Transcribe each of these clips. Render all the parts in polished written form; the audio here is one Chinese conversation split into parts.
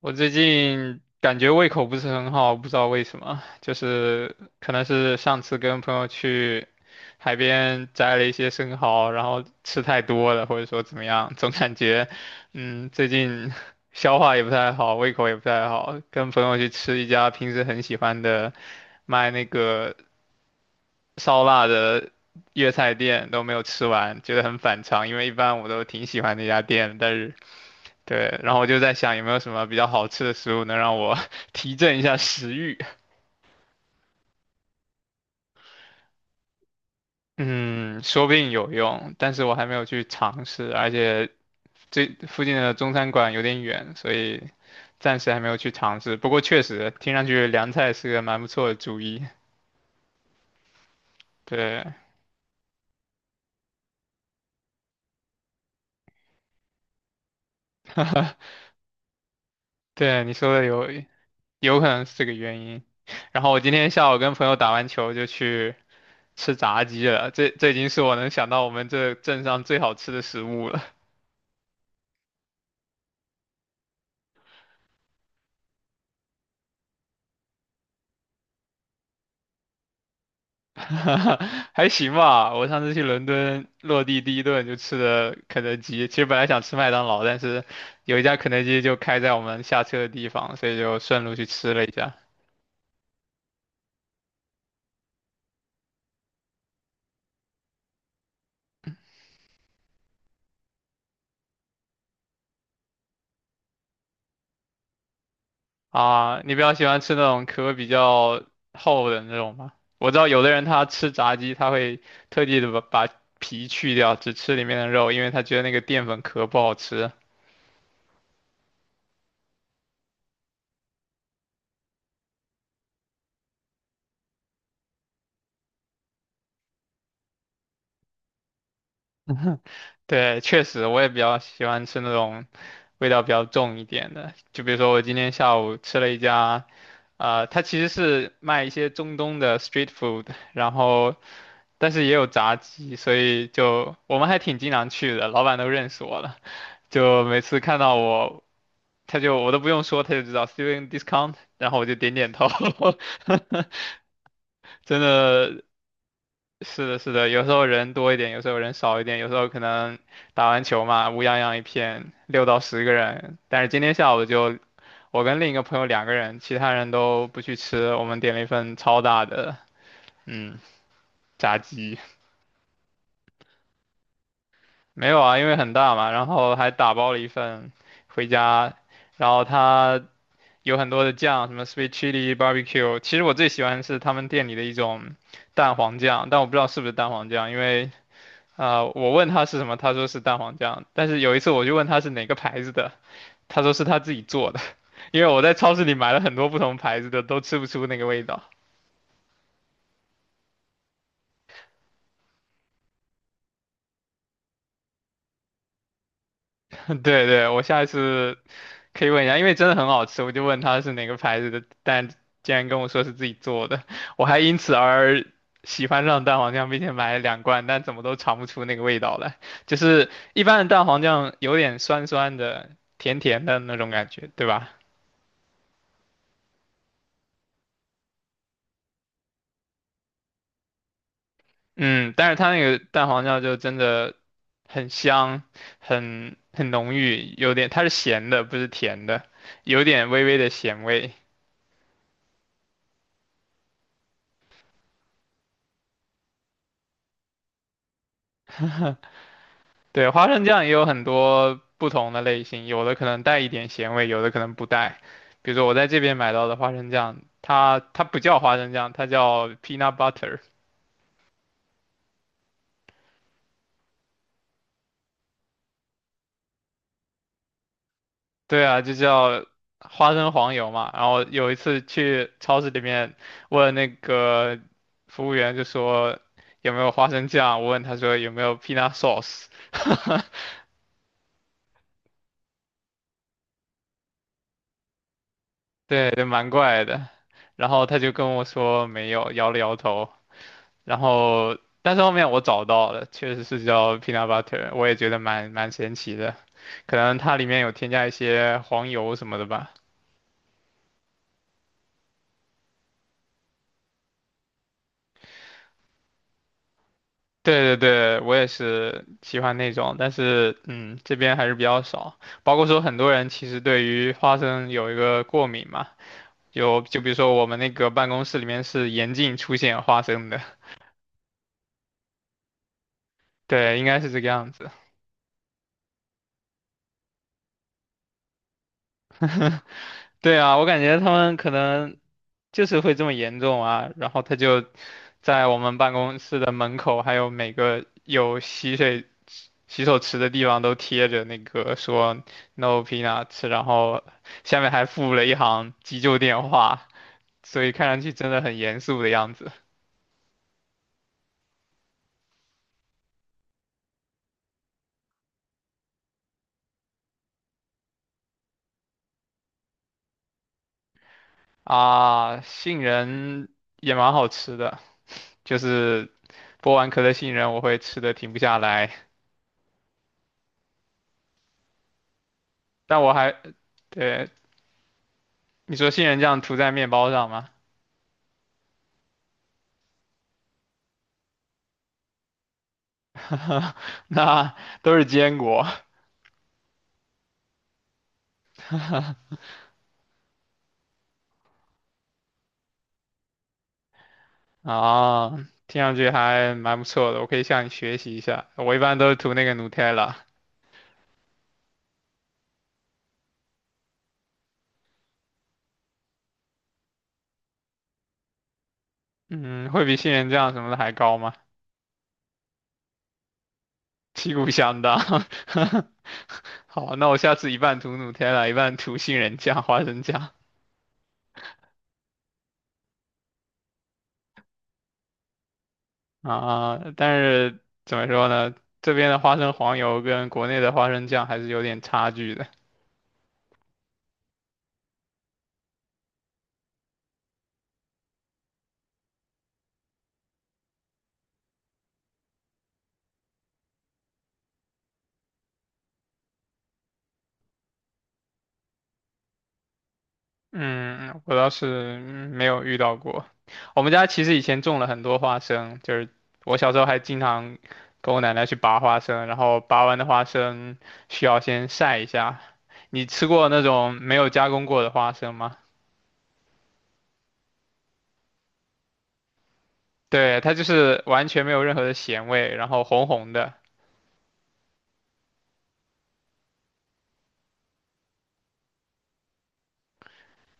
我最近感觉胃口不是很好，不知道为什么，就是可能是上次跟朋友去海边摘了一些生蚝，然后吃太多了，或者说怎么样，总感觉，最近 消化也不太好，胃口也不太好。跟朋友去吃一家平时很喜欢的卖那个烧腊的粤菜店，都没有吃完，觉得很反常，因为一般我都挺喜欢那家店的，但是。对，然后我就在想有没有什么比较好吃的食物能让我 提振一下食欲。嗯，说不定有用，但是我还没有去尝试，而且这附近的中餐馆有点远，所以暂时还没有去尝试。不过确实听上去凉菜是个蛮不错的主意。对，对，你说的有可能是这个原因。然后我今天下午跟朋友打完球就去吃炸鸡了，这已经是我能想到我们这镇上最好吃的食物了。还行吧。我上次去伦敦落地第一顿就吃的肯德基，其实本来想吃麦当劳，但是有一家肯德基就开在我们下车的地方，所以就顺路去吃了一下。啊，你比较喜欢吃那种壳比较厚的那种吗？我知道有的人他吃炸鸡，他会特地的把皮去掉，只吃里面的肉，因为他觉得那个淀粉壳不好吃。对，确实，我也比较喜欢吃那种味道比较重一点的。就比如说，我今天下午吃了一家，它其实是卖一些中东的 street food，然后但是也有炸鸡，所以就我们还挺经常去的，老板都认识我了。就每次看到我，他就我都不用说，他就知道 student discount，然后我就点点头，真的是的，是的，有时候人多一点，有时候人少一点，有时候可能打完球嘛，乌泱泱一片，6到10个人。但是今天下午就我跟另一个朋友两个人，其他人都不去吃，我们点了一份超大的，嗯，炸鸡。没有啊，因为很大嘛，然后还打包了一份回家，然后它有很多的酱，什么 sweet chili barbecue。其实我最喜欢是他们店里的一种蛋黄酱，但我不知道是不是蛋黄酱，因为。啊、我问他是什么，他说是蛋黄酱。但是有一次我就问他是哪个牌子的，他说是他自己做的，因为我在超市里买了很多不同牌子的，都吃不出那个味道。对对，我下一次可以问一下，因为真的很好吃，我就问他是哪个牌子的，但竟然跟我说是自己做的，我还因此而喜欢上蛋黄酱，并且买了两罐，但怎么都尝不出那个味道来。就是一般的蛋黄酱有点酸酸的、甜甜的那种感觉，对吧？嗯，但是它那个蛋黄酱就真的很香，很浓郁，有点它是咸的，不是甜的，有点微微的咸味。对，花生酱也有很多不同的类型，有的可能带一点咸味，有的可能不带。比如说我在这边买到的花生酱，它不叫花生酱，它叫 peanut butter。对啊，就叫花生黄油嘛。然后有一次去超市里面问那个服务员，就说有没有花生酱，我问他说有没有 peanut sauce，对，就蛮怪的。然后他就跟我说没有，摇了摇头。然后但是后面我找到了，确实是叫 peanut butter，我也觉得蛮神奇的，可能它里面有添加一些黄油什么的吧。对对对，我也是喜欢那种，但是这边还是比较少。包括说很多人其实对于花生有一个过敏嘛，就比如说我们那个办公室里面是严禁出现花生的，对，应该是这个样子。对啊，我感觉他们可能就是会这么严重啊，然后他就在我们办公室的门口，还有每个有洗手池的地方都贴着那个说 "No peanuts"，然后下面还附了一行急救电话，所以看上去真的很严肃的样子啊。杏仁也蛮好吃的，就是剥完壳的杏仁，我会吃的停不下来，但我还。对，你说杏仁酱涂在面包上吗？那都是坚果啊，听上去还蛮不错的，我可以向你学习一下。我一般都是涂那个 Nutella，嗯，会比杏仁酱什么的还高吗？旗鼓相当。好，那我下次一半涂 Nutella，一半涂杏仁酱、花生酱啊。但是怎么说呢，这边的花生黄油跟国内的花生酱还是有点差距的。嗯，我倒是没有遇到过。我们家其实以前种了很多花生，就是我小时候还经常跟我奶奶去拔花生，然后拔完的花生需要先晒一下。你吃过那种没有加工过的花生吗？对，它就是完全没有任何的咸味，然后红红的。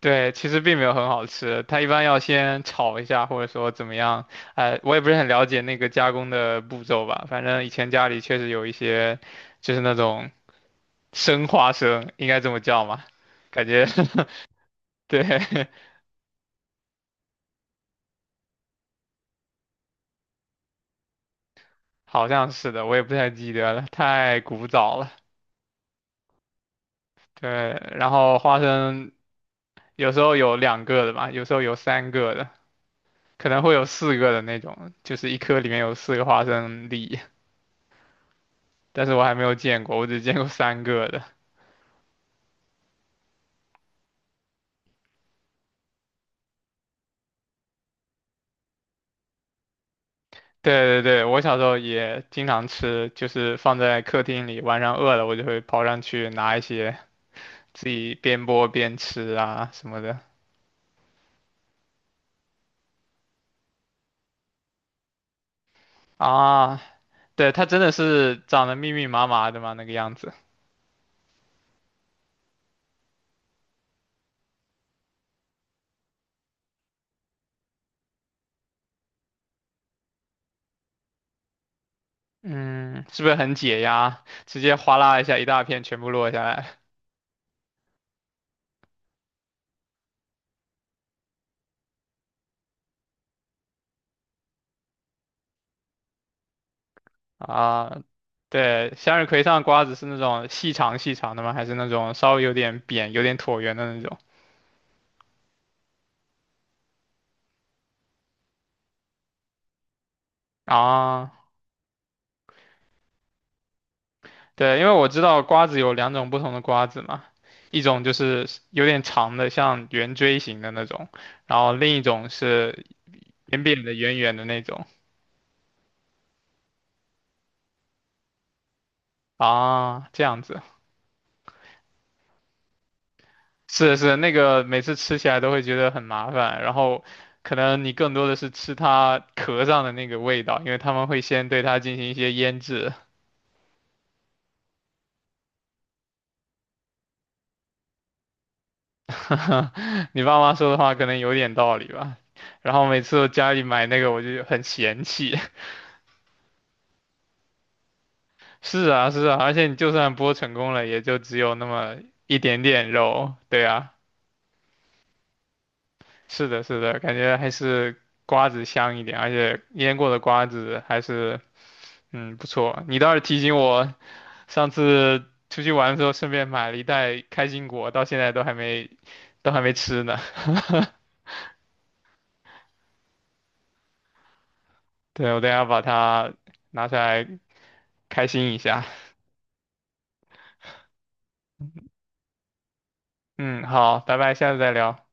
对，其实并没有很好吃，它一般要先炒一下，或者说怎么样，哎，我也不是很了解那个加工的步骤吧，反正以前家里确实有一些，就是那种。生花生，应该这么叫吗？感觉 对，好像是的，我也不太记得了，太古早了。对，然后花生有时候有两个的吧，有时候有三个的，可能会有四个的那种，就是一颗里面有四个花生粒，但是我还没有见过，我只见过三个的。对对对，我小时候也经常吃，就是放在客厅里，晚上饿了我就会跑上去拿一些，自己边剥边吃啊什么的。啊，对，它真的是长得密密麻麻的嘛，那个样子。嗯，是不是很解压？直接哗啦一下，一大片全部落下来啊！对，向日葵上的瓜子是那种细长细长的吗？还是那种稍微有点扁、有点椭圆的那种？啊，对，因为我知道瓜子有两种不同的瓜子嘛，一种就是有点长的，像圆锥形的那种，然后另一种是扁扁的、圆圆的那种。啊，这样子。是是，那个每次吃起来都会觉得很麻烦，然后可能你更多的是吃它壳上的那个味道，因为他们会先对它进行一些腌制。你爸妈说的话可能有点道理吧。然后每次我家里买那个，我就很嫌弃。是啊，是啊，而且你就算剥成功了，也就只有那么一点点肉。对啊，是的，是的，感觉还是瓜子香一点，而且腌过的瓜子还是。嗯，不错，你倒是提醒我上次出去玩的时候顺便买了一袋开心果，到现在都还没吃呢。对，我等一下把它拿出来开心一下。嗯，好，拜拜，下次再聊。